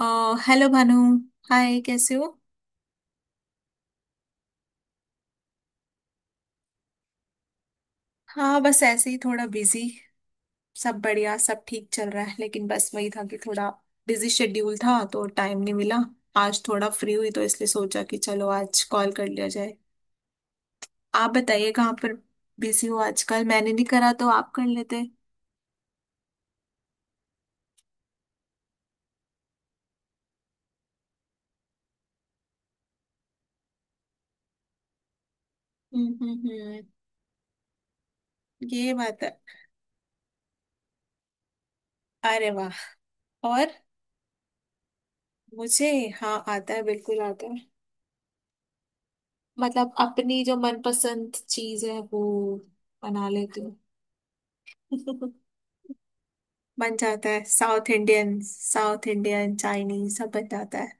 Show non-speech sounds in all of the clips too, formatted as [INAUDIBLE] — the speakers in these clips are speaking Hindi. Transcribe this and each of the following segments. अ, हेलो भानु। हाय, कैसे हो? हाँ, बस ऐसे ही थोड़ा बिजी। सब बढ़िया, सब ठीक चल रहा है, लेकिन बस वही था कि थोड़ा बिजी शेड्यूल था तो टाइम नहीं मिला। आज थोड़ा फ्री हुई तो इसलिए सोचा कि चलो आज कॉल कर लिया जाए। आप बताइए, कहाँ पर बिजी हो आजकल? मैंने नहीं करा तो आप कर लेते। हम्म, हम्म, हम्म। ये बात है। अरे वाह। और मुझे, हाँ आता है, बिल्कुल आता है। मतलब अपनी जो मनपसंद चीज है वो बना लेती हूँ [LAUGHS] बन जाता है, south Indian, south Indian, Chinese, सब बन जाता है।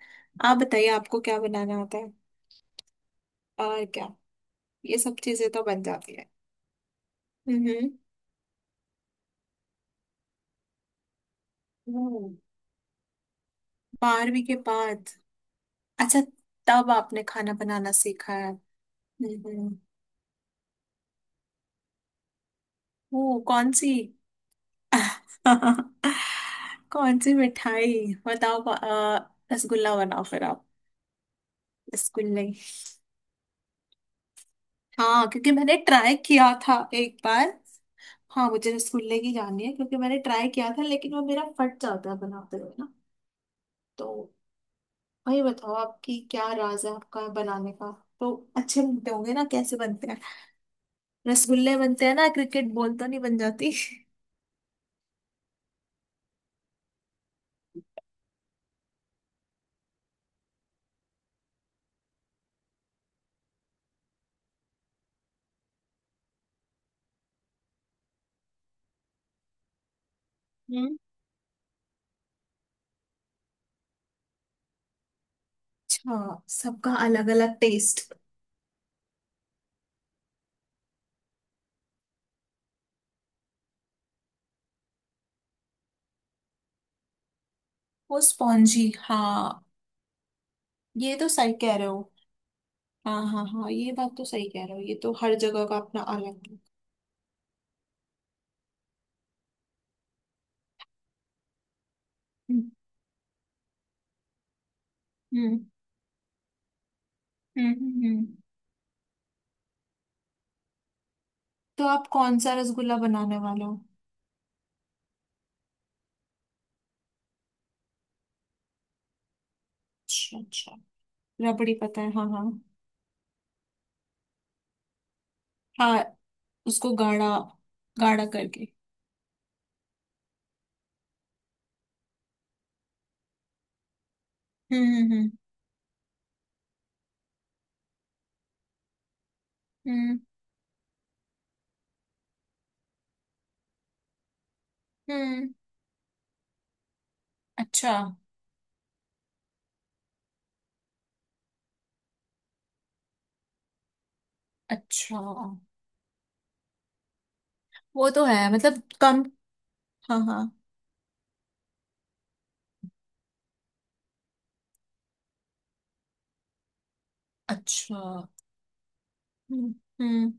आप बताइए, आपको क्या बनाना आता है? और क्या? ये सब चीजें तो बन जाती है। हम्म, हम्म। 12वीं के बाद। अच्छा, तब आपने खाना बनाना सीखा है। हम्म। वो कौन सी? [LAUGHS] कौन सी मिठाई बताओ? रसगुल्ला बनाओ फिर आप। रसगुल्ले। हाँ, क्योंकि मैंने ट्राई किया था एक बार। हाँ, मुझे रसगुल्ले की जाननी है, क्योंकि मैंने ट्राई किया था लेकिन वो मेरा फट जाता है बनाते हुए ना। तो वही बताओ, आपकी क्या राज है आपका बनाने का? तो अच्छे बनते होंगे ना, कैसे बनते हैं? रसगुल्ले बनते हैं ना, क्रिकेट बॉल तो नहीं बन जाती। हम्म। अच्छा, सबका अलग अलग टेस्ट। वो स्पॉन्जी, हाँ। ये तो सही कह रहे हो। हाँ, हाँ, हाँ, ये बात तो सही कह रहे हो, ये तो हर जगह का अपना अलग है। हम्म, हम्म, हम्म, तो आप कौन सा रसगुल्ला बनाने वाले हो? अच्छा, अच्छा। रबड़ी पता है, हाँ, हाँ, हाँ। उसको गाढ़ा, गाढ़ा करके। हम्म, हम्म, हम्म, हम्म। अच्छा, अच्छा। वो तो है, मतलब कम। हाँ, हाँ। अच्छा। हम्म, हम्म,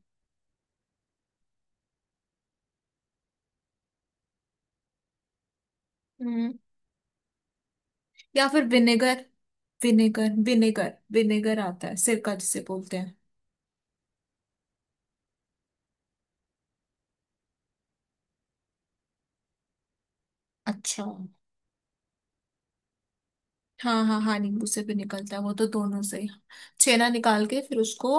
हम्म। या फिर विनेगर। विनेगर आता है, सिरका जिसे बोलते हैं। अच्छा। हाँ, हाँ, हाँ, नींबू से भी निकलता है वो, तो दोनों से ही। छेना निकाल के फिर उसको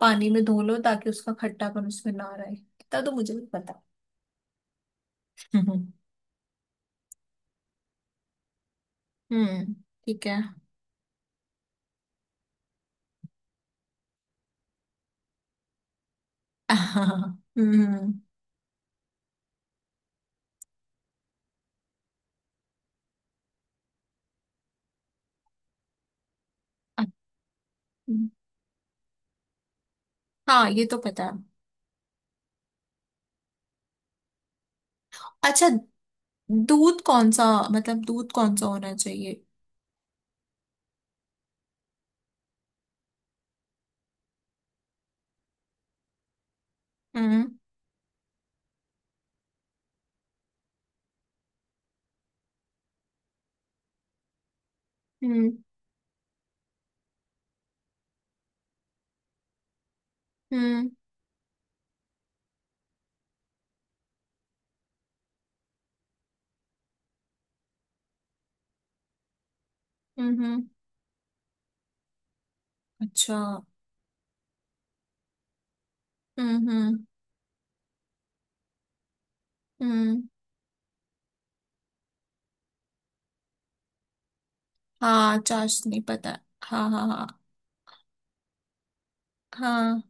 पानी में धो लो, ताकि उसका खट्टापन उसमें ना रहे, इतना तो मुझे भी पता। [LAUGHS] हम्म। ठीक है [LAUGHS] हाँ, हम्म। अच्छा, हाँ ये तो पता है। अच्छा, दूध कौन सा? मतलब दूध कौन सा होना चाहिए? हम्म, हम्म, हम्म, हम्म। अच्छा। हम्म, हम्म, हम्म। हाँ, चाशनी पता है, हाँ, हाँ, हाँ। हाँ,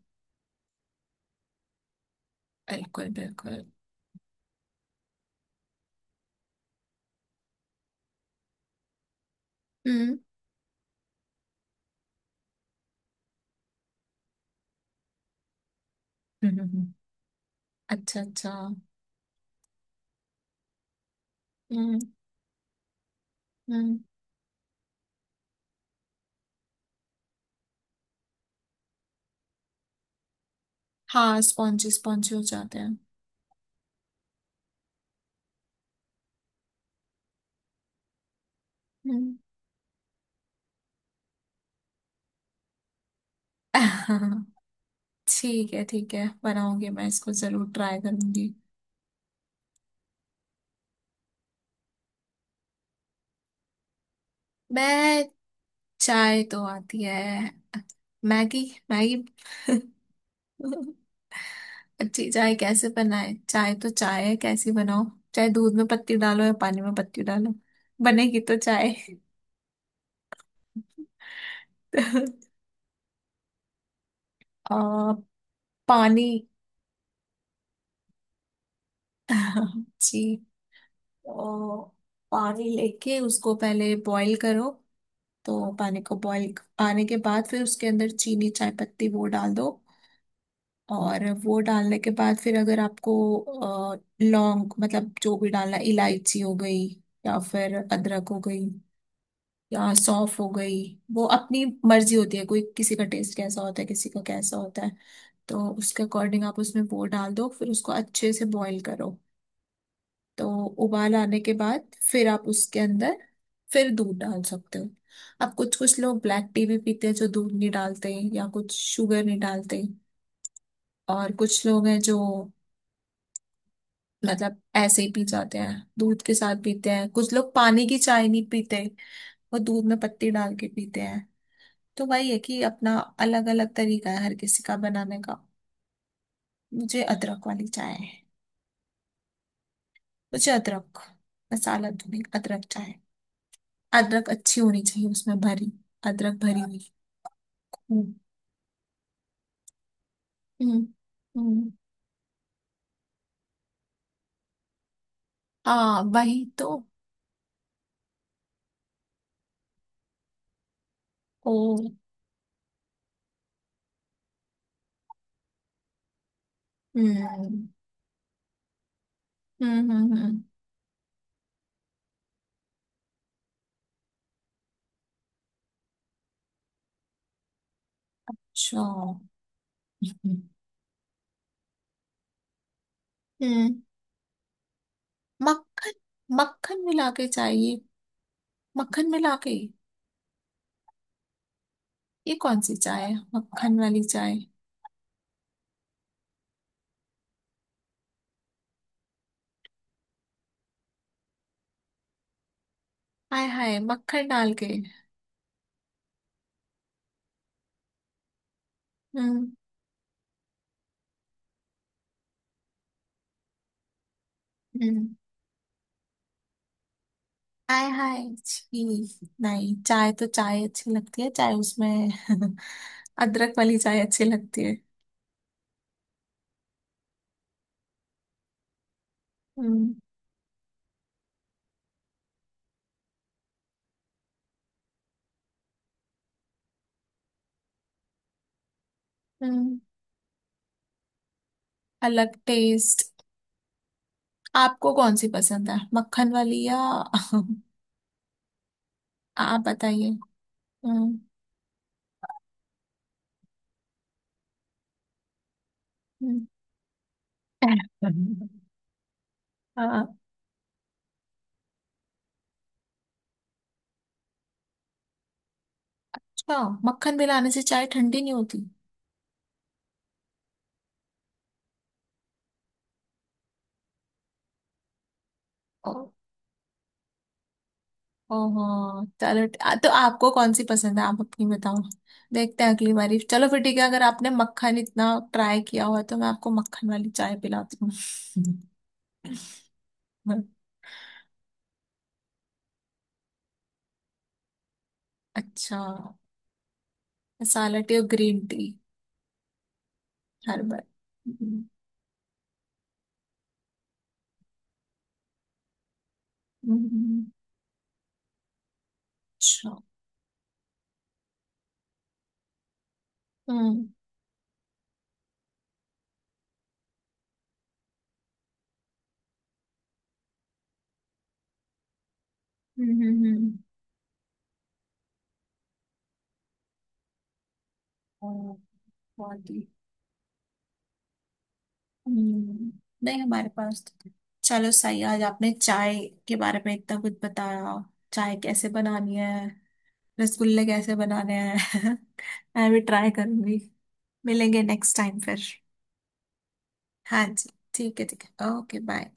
बिल्कुल, बिल्कुल। हम्म, हम्म, हम्म। अच्छा, अच्छा। हम्म, हम्म। हाँ, स्पॉन्जी, स्पॉन्जी हो जाते हैं। हम्म। [LAUGHS] ठीक है, ठीक है, बनाऊंगी, मैं इसको जरूर ट्राई करूंगी। मैं, चाय तो आती है। मैगी। मैगी। [LAUGHS] अच्छी चाय कैसे बनाए? चाय तो चाय है, कैसी बनाओ, चाहे दूध में पत्ती डालो या पानी में पत्ती डालो, बनेगी तो चाय। [LAUGHS] आ, पानी। [LAUGHS] जी। तो पानी लेके उसको पहले बॉईल करो, तो पानी को बॉईल आने के बाद फिर उसके अंदर चीनी, चाय पत्ती वो डाल दो। और वो डालने के बाद फिर अगर आपको लौंग, मतलब जो भी डालना, इलायची हो गई, या फिर अदरक हो गई, या सौंफ हो गई, वो अपनी मर्जी होती है, कोई किसी का टेस्ट कैसा होता है, किसी का कैसा होता है। तो उसके अकॉर्डिंग आप उसमें वो डाल दो, फिर उसको अच्छे से बॉईल करो। तो उबाल आने के बाद फिर आप उसके अंदर फिर दूध डाल सकते हो। अब कुछ कुछ लोग ब्लैक टी भी पीते हैं, जो दूध नहीं डालते या कुछ शुगर नहीं डालते। और कुछ लोग हैं जो मतलब ऐसे ही पी जाते हैं, दूध के साथ पीते हैं, कुछ लोग पानी की चाय नहीं पीते, वो दूध में पत्ती डाल के पीते हैं। तो वही है कि अपना अलग अलग तरीका है हर किसी का बनाने का। मुझे अदरक वाली चाय है। मुझे अदरक, मसाला धुनी अदरक चाय। अदरक अच्छी होनी चाहिए उसमें भरी, अदरक भरी हुई। हम्म, हम्म, हम्म। हाँ वही तो। ओ। हम्म, हम्म, हम्म, हम्म। अच्छा। हम्म, हम्म। मक्खन। मक्खन मिला के चाहिए? मक्खन मिला के। ये कौन सी चाय है, मक्खन वाली चाय? हाय हाय, मक्खन डाल के। हम्म, हम्म। हाय हाय छी। नहीं, चाय तो चाय अच्छी लगती है, चाय उसमें [LAUGHS] अदरक वाली चाय अच्छी लगती है। हम्म, हम्म। अलग टेस्ट। आपको कौन सी पसंद है, मक्खन वाली या [LAUGHS] आप बताइए। हम्म, हम्म। [LAUGHS] अच्छा। मक्खन मिलाने से चाय ठंडी नहीं होती? ओहो चलो, तो आपको कौन सी पसंद है, आप अपनी बताओ। देखते हैं अगली बारी। चलो फिर, ठीक है, अगर आपने मक्खन इतना ट्राई किया हुआ है, तो मैं आपको मक्खन वाली चाय पिलाती हूँ। [LAUGHS] अच्छा, मसाला टी और ग्रीन टी। हर्बल। हम्म, हम्म। अच्छा। हम्म, हम्म, हम्म, और body, हम्म। नहीं, हमारे पास तो... चलो सही है, आज आपने चाय के बारे में इतना कुछ बताया, चाय कैसे बनानी है, रसगुल्ले कैसे बनाने हैं [LAUGHS] मैं भी ट्राई करूंगी। मिलेंगे नेक्स्ट टाइम फिर। हाँ जी, ठीक है, ठीक है, ओके बाय।